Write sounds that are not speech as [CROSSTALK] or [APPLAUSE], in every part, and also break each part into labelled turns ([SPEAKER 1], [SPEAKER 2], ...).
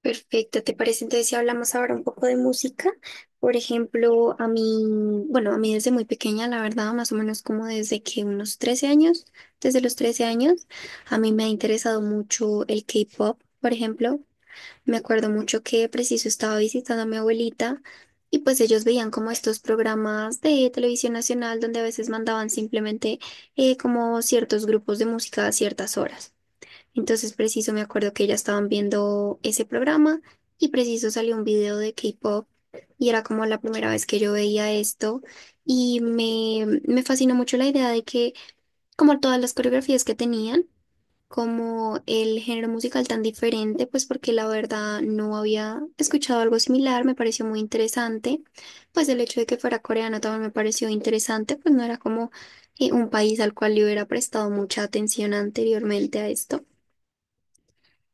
[SPEAKER 1] Perfecto, ¿te parece entonces si hablamos ahora un poco de música? Por ejemplo, a mí, bueno, a mí desde muy pequeña, la verdad, más o menos como desde que unos 13 años, desde los 13 años, a mí me ha interesado mucho el K-pop, por ejemplo. Me acuerdo mucho que preciso estaba visitando a mi abuelita y pues ellos veían como estos programas de televisión nacional donde a veces mandaban simplemente como ciertos grupos de música a ciertas horas. Entonces, preciso, me acuerdo que ya estaban viendo ese programa y preciso salió un video de K-pop y era como la primera vez que yo veía esto y me fascinó mucho la idea de que como todas las coreografías que tenían, como el género musical tan diferente, pues porque la verdad no había escuchado algo similar, me pareció muy interesante, pues el hecho de que fuera coreano también me pareció interesante, pues no era como un país al cual yo hubiera prestado mucha atención anteriormente a esto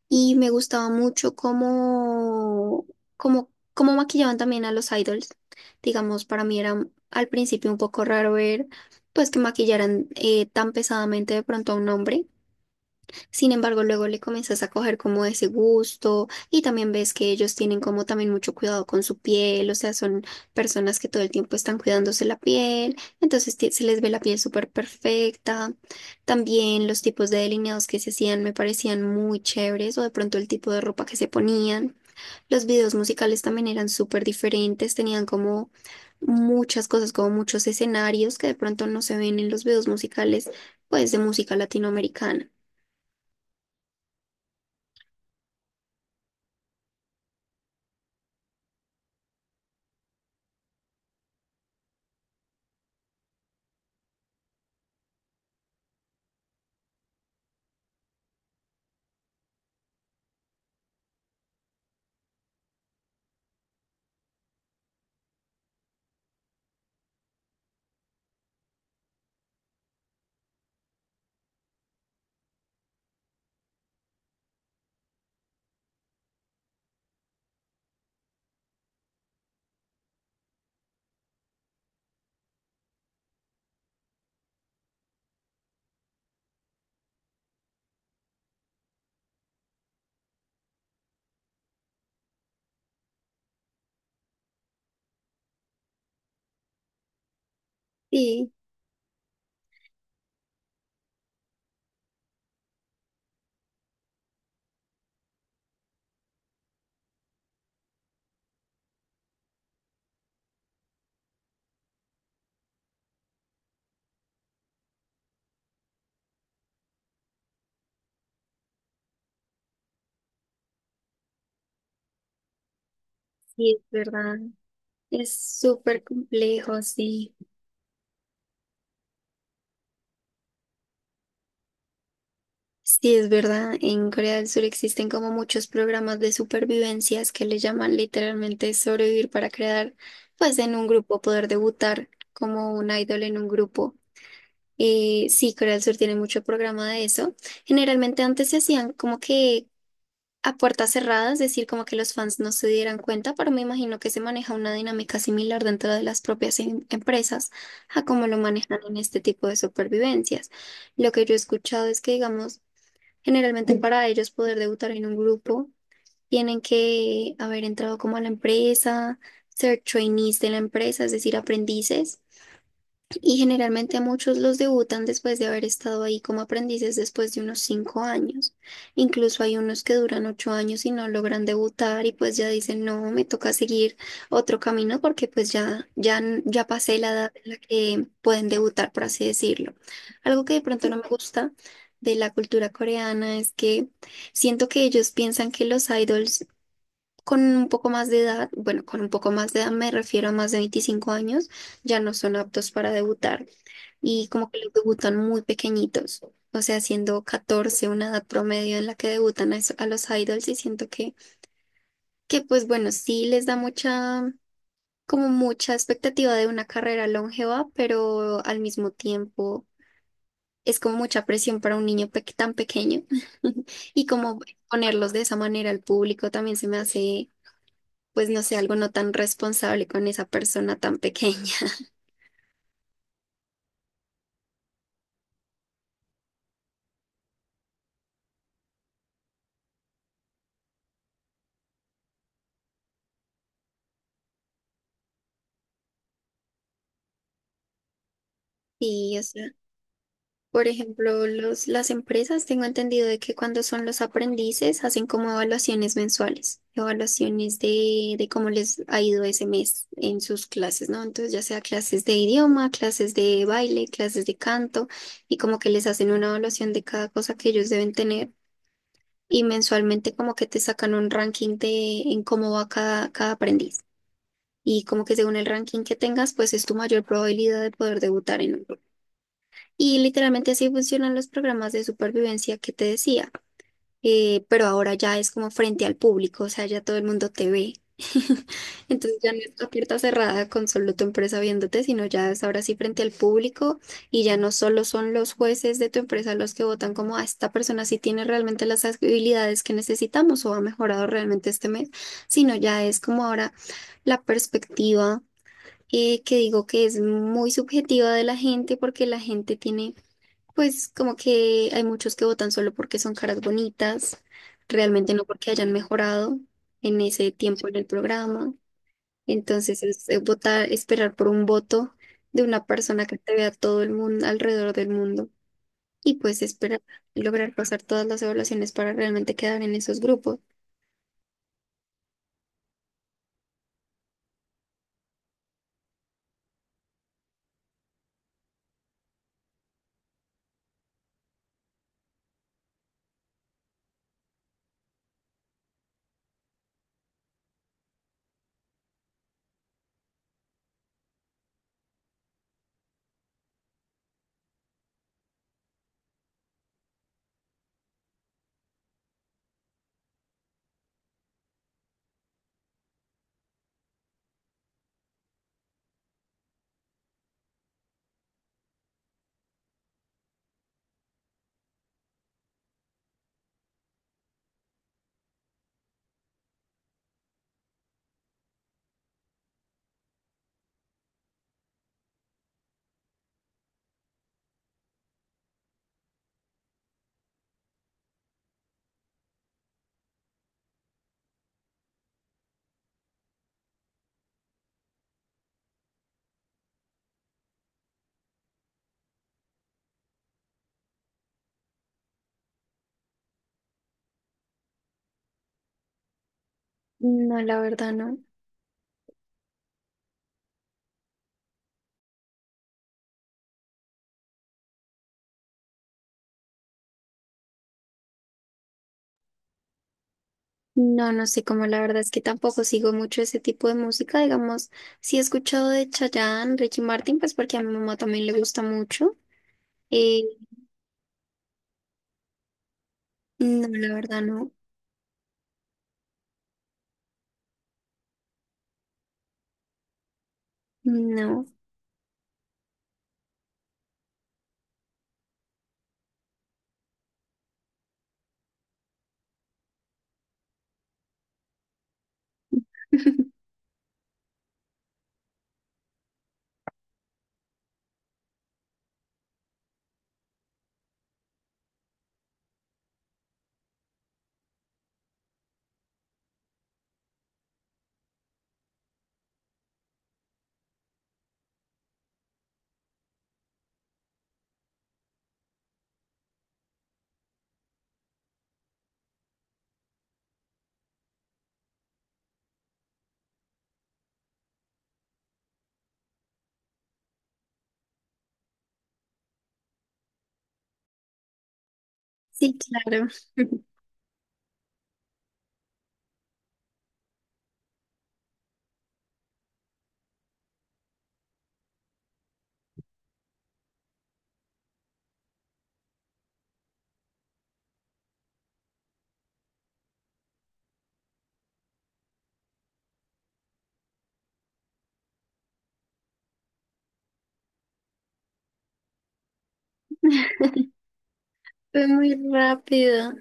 [SPEAKER 1] y me gustaba mucho cómo maquillaban también a los idols. Digamos, para mí era al principio un poco raro ver pues que maquillaran tan pesadamente de pronto a un hombre. Sin embargo, luego le comienzas a coger como ese gusto y también ves que ellos tienen como también mucho cuidado con su piel, o sea, son personas que todo el tiempo están cuidándose la piel, entonces se les ve la piel súper perfecta. También los tipos de delineados que se hacían me parecían muy chéveres o de pronto el tipo de ropa que se ponían. Los videos musicales también eran súper diferentes, tenían como muchas cosas, como muchos escenarios que de pronto no se ven en los videos musicales, pues de música latinoamericana. Sí. Sí, es verdad. Es súper complejo, sí. Sí, es verdad. En Corea del Sur existen como muchos programas de supervivencias que le llaman literalmente sobrevivir para crear, pues en un grupo, poder debutar como un idol en un grupo. Sí, Corea del Sur tiene mucho programa de eso. Generalmente antes se hacían como que a puertas cerradas, es decir, como que los fans no se dieran cuenta, pero me imagino que se maneja una dinámica similar dentro de las propias empresas a cómo lo manejan en este tipo de supervivencias. Lo que yo he escuchado es que, digamos, generalmente para ellos poder debutar en un grupo, tienen que haber entrado como a la empresa, ser trainees de la empresa, es decir, aprendices. Y generalmente muchos los debutan después de haber estado ahí como aprendices después de unos 5 años. Incluso hay unos que duran 8 años y no logran debutar y pues ya dicen, no, me toca seguir otro camino porque pues ya pasé la edad en la que pueden debutar, por así decirlo. Algo que de pronto no me gusta de la cultura coreana es que siento que ellos piensan que los idols con un poco más de edad, bueno, con un poco más de edad me refiero a más de 25 años, ya no son aptos para debutar y como que los debutan muy pequeñitos, o sea, siendo 14 una edad promedio en la que debutan a los idols y siento que pues bueno, sí les da mucha, como mucha expectativa de una carrera longeva, pero al mismo tiempo es como mucha presión para un niño tan pequeño [LAUGHS] y como ponerlos de esa manera al público también se me hace, pues no sé, algo no tan responsable con esa persona tan pequeña. [LAUGHS] Sí, o por ejemplo, las empresas, tengo entendido de que cuando son los aprendices hacen como evaluaciones mensuales, evaluaciones de cómo les ha ido ese mes en sus clases, ¿no? Entonces, ya sea clases de idioma, clases de baile, clases de canto, y como que les hacen una evaluación de cada cosa que ellos deben tener, y mensualmente como que te sacan un ranking de en cómo va cada aprendiz. Y como que según el ranking que tengas, pues es tu mayor probabilidad de poder debutar en un y literalmente así funcionan los programas de supervivencia que te decía, pero ahora ya es como frente al público, o sea, ya todo el mundo te ve. [LAUGHS] Entonces ya no es la puerta cerrada con solo tu empresa viéndote, sino ya es ahora sí frente al público y ya no solo son los jueces de tu empresa los que votan como a esta persona sí tiene realmente las habilidades que necesitamos o ha mejorado realmente este mes, sino ya es como ahora la perspectiva que digo que es muy subjetiva de la gente porque la gente tiene pues como que hay muchos que votan solo porque son caras bonitas, realmente no porque hayan mejorado en ese tiempo en el programa. Entonces es votar, esperar por un voto de una persona que te vea todo el mundo, alrededor del mundo, y pues esperar lograr pasar todas las evaluaciones para realmente quedar en esos grupos. No, la verdad no. No, no sé cómo, la verdad es que tampoco sigo mucho ese tipo de música, digamos, sí he escuchado de Chayanne, Ricky Martin, pues porque a mi mamá también le gusta mucho. eh, No, la verdad no. No. [LAUGHS] Sí, claro. [LAUGHS] Fue muy rápido.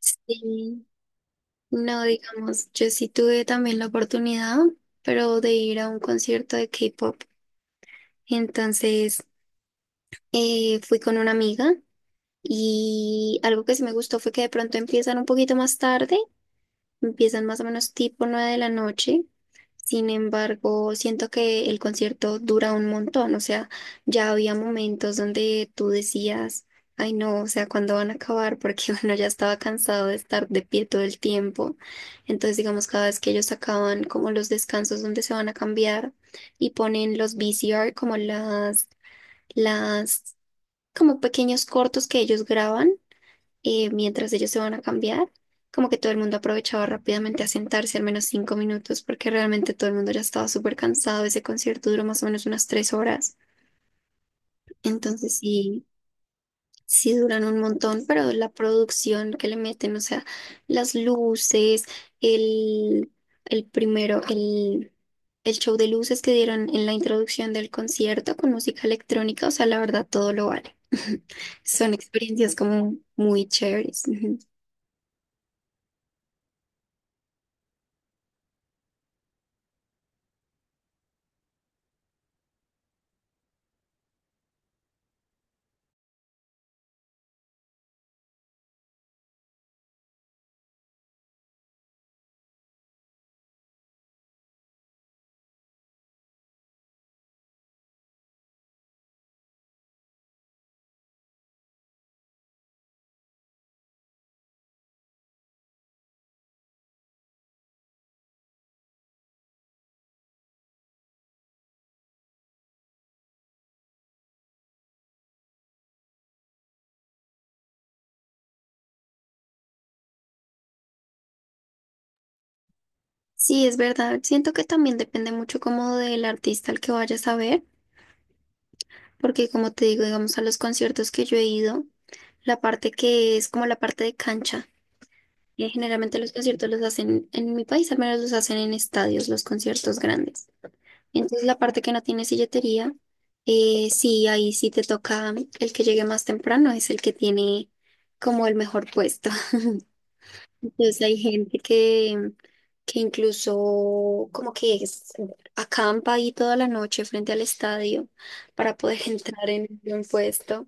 [SPEAKER 1] Sí. No, digamos, yo sí tuve también la oportunidad, pero de ir a un concierto de K-pop. Entonces, fui con una amiga y algo que sí me gustó fue que de pronto empiezan un poquito más tarde. Empiezan más o menos tipo 9 de la noche. Sin embargo, siento que el concierto dura un montón. O sea, ya había momentos donde tú decías, ay no, o sea, ¿cuándo van a acabar? Porque [LAUGHS] uno ya estaba cansado de estar de pie todo el tiempo. Entonces, digamos, cada vez que ellos acaban como los descansos donde se van a cambiar y ponen los VCR como las, como pequeños cortos que ellos graban mientras ellos se van a cambiar, como que todo el mundo aprovechaba rápidamente a sentarse al menos 5 minutos, porque realmente todo el mundo ya estaba súper cansado. Ese concierto duró más o menos unas 3 horas. Entonces sí, sí duran un montón, pero la producción que le meten, o sea, las luces, el, el primero, el, el show de luces que dieron en la introducción del concierto con música electrónica, o sea, la verdad todo lo vale. [LAUGHS] Son experiencias como muy chéveres. Sí, es verdad. Siento que también depende mucho como del artista al que vayas a ver, porque como te digo, digamos, a los conciertos que yo he ido, la parte que es como la parte de cancha, y generalmente los conciertos los hacen en mi país, al menos los hacen en estadios, los conciertos grandes. Entonces la parte que no tiene silletería, sí, ahí sí te toca el que llegue más temprano, es el que tiene como el mejor puesto. Entonces hay gente que incluso como que acampa ahí toda la noche frente al estadio para poder [LAUGHS] entrar en un puesto.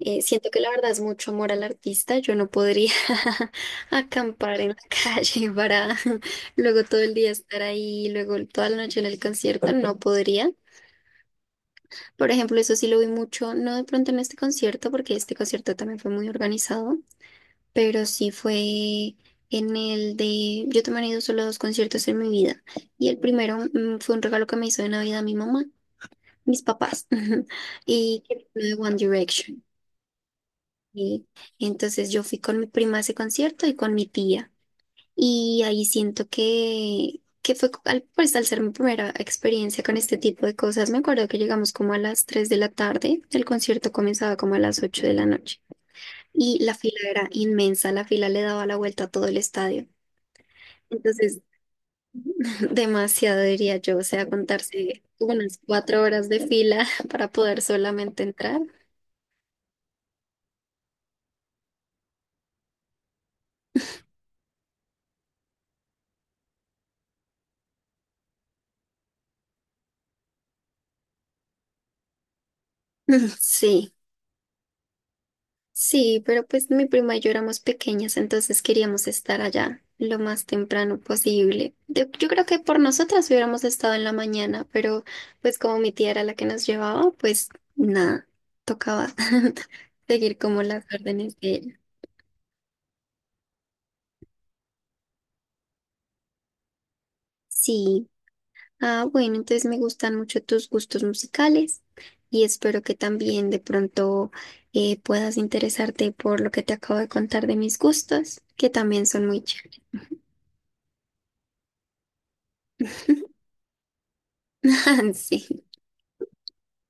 [SPEAKER 1] Siento que la verdad es mucho amor al artista. Yo no podría [LAUGHS] acampar en la calle para [LAUGHS] luego todo el día estar ahí, luego toda la noche en el concierto. No podría. Por ejemplo, eso sí lo vi mucho, no de pronto en este concierto, porque este concierto también fue muy organizado, pero sí fue en el de, yo también he ido solo a 2 conciertos en mi vida y el primero fue un regalo que me hizo de Navidad mi mamá, mis papás, [LAUGHS] y que fue de One Direction. Y entonces yo fui con mi prima a ese concierto y con mi tía y ahí siento que fue pues al ser mi primera experiencia con este tipo de cosas, me acuerdo que llegamos como a las 3 de la tarde, el concierto comenzaba como a las 8 de la noche y la fila era inmensa, la fila le daba la vuelta a todo el estadio. Entonces, [LAUGHS] demasiado diría yo, o sea, contarse unas 4 horas de fila [LAUGHS] para poder solamente entrar. [LAUGHS] Sí, sí, pero pues mi prima y yo éramos pequeñas, entonces queríamos estar allá lo más temprano posible. Yo creo que por nosotras hubiéramos estado en la mañana, pero pues como mi tía era la que nos llevaba, pues nada, tocaba [LAUGHS] seguir como las órdenes de ella. Sí. Ah, bueno, entonces me gustan mucho tus gustos musicales y espero que también de pronto puedas interesarte por lo que te acabo de contar de mis gustos, que también son muy chéveres. [LAUGHS] Sí.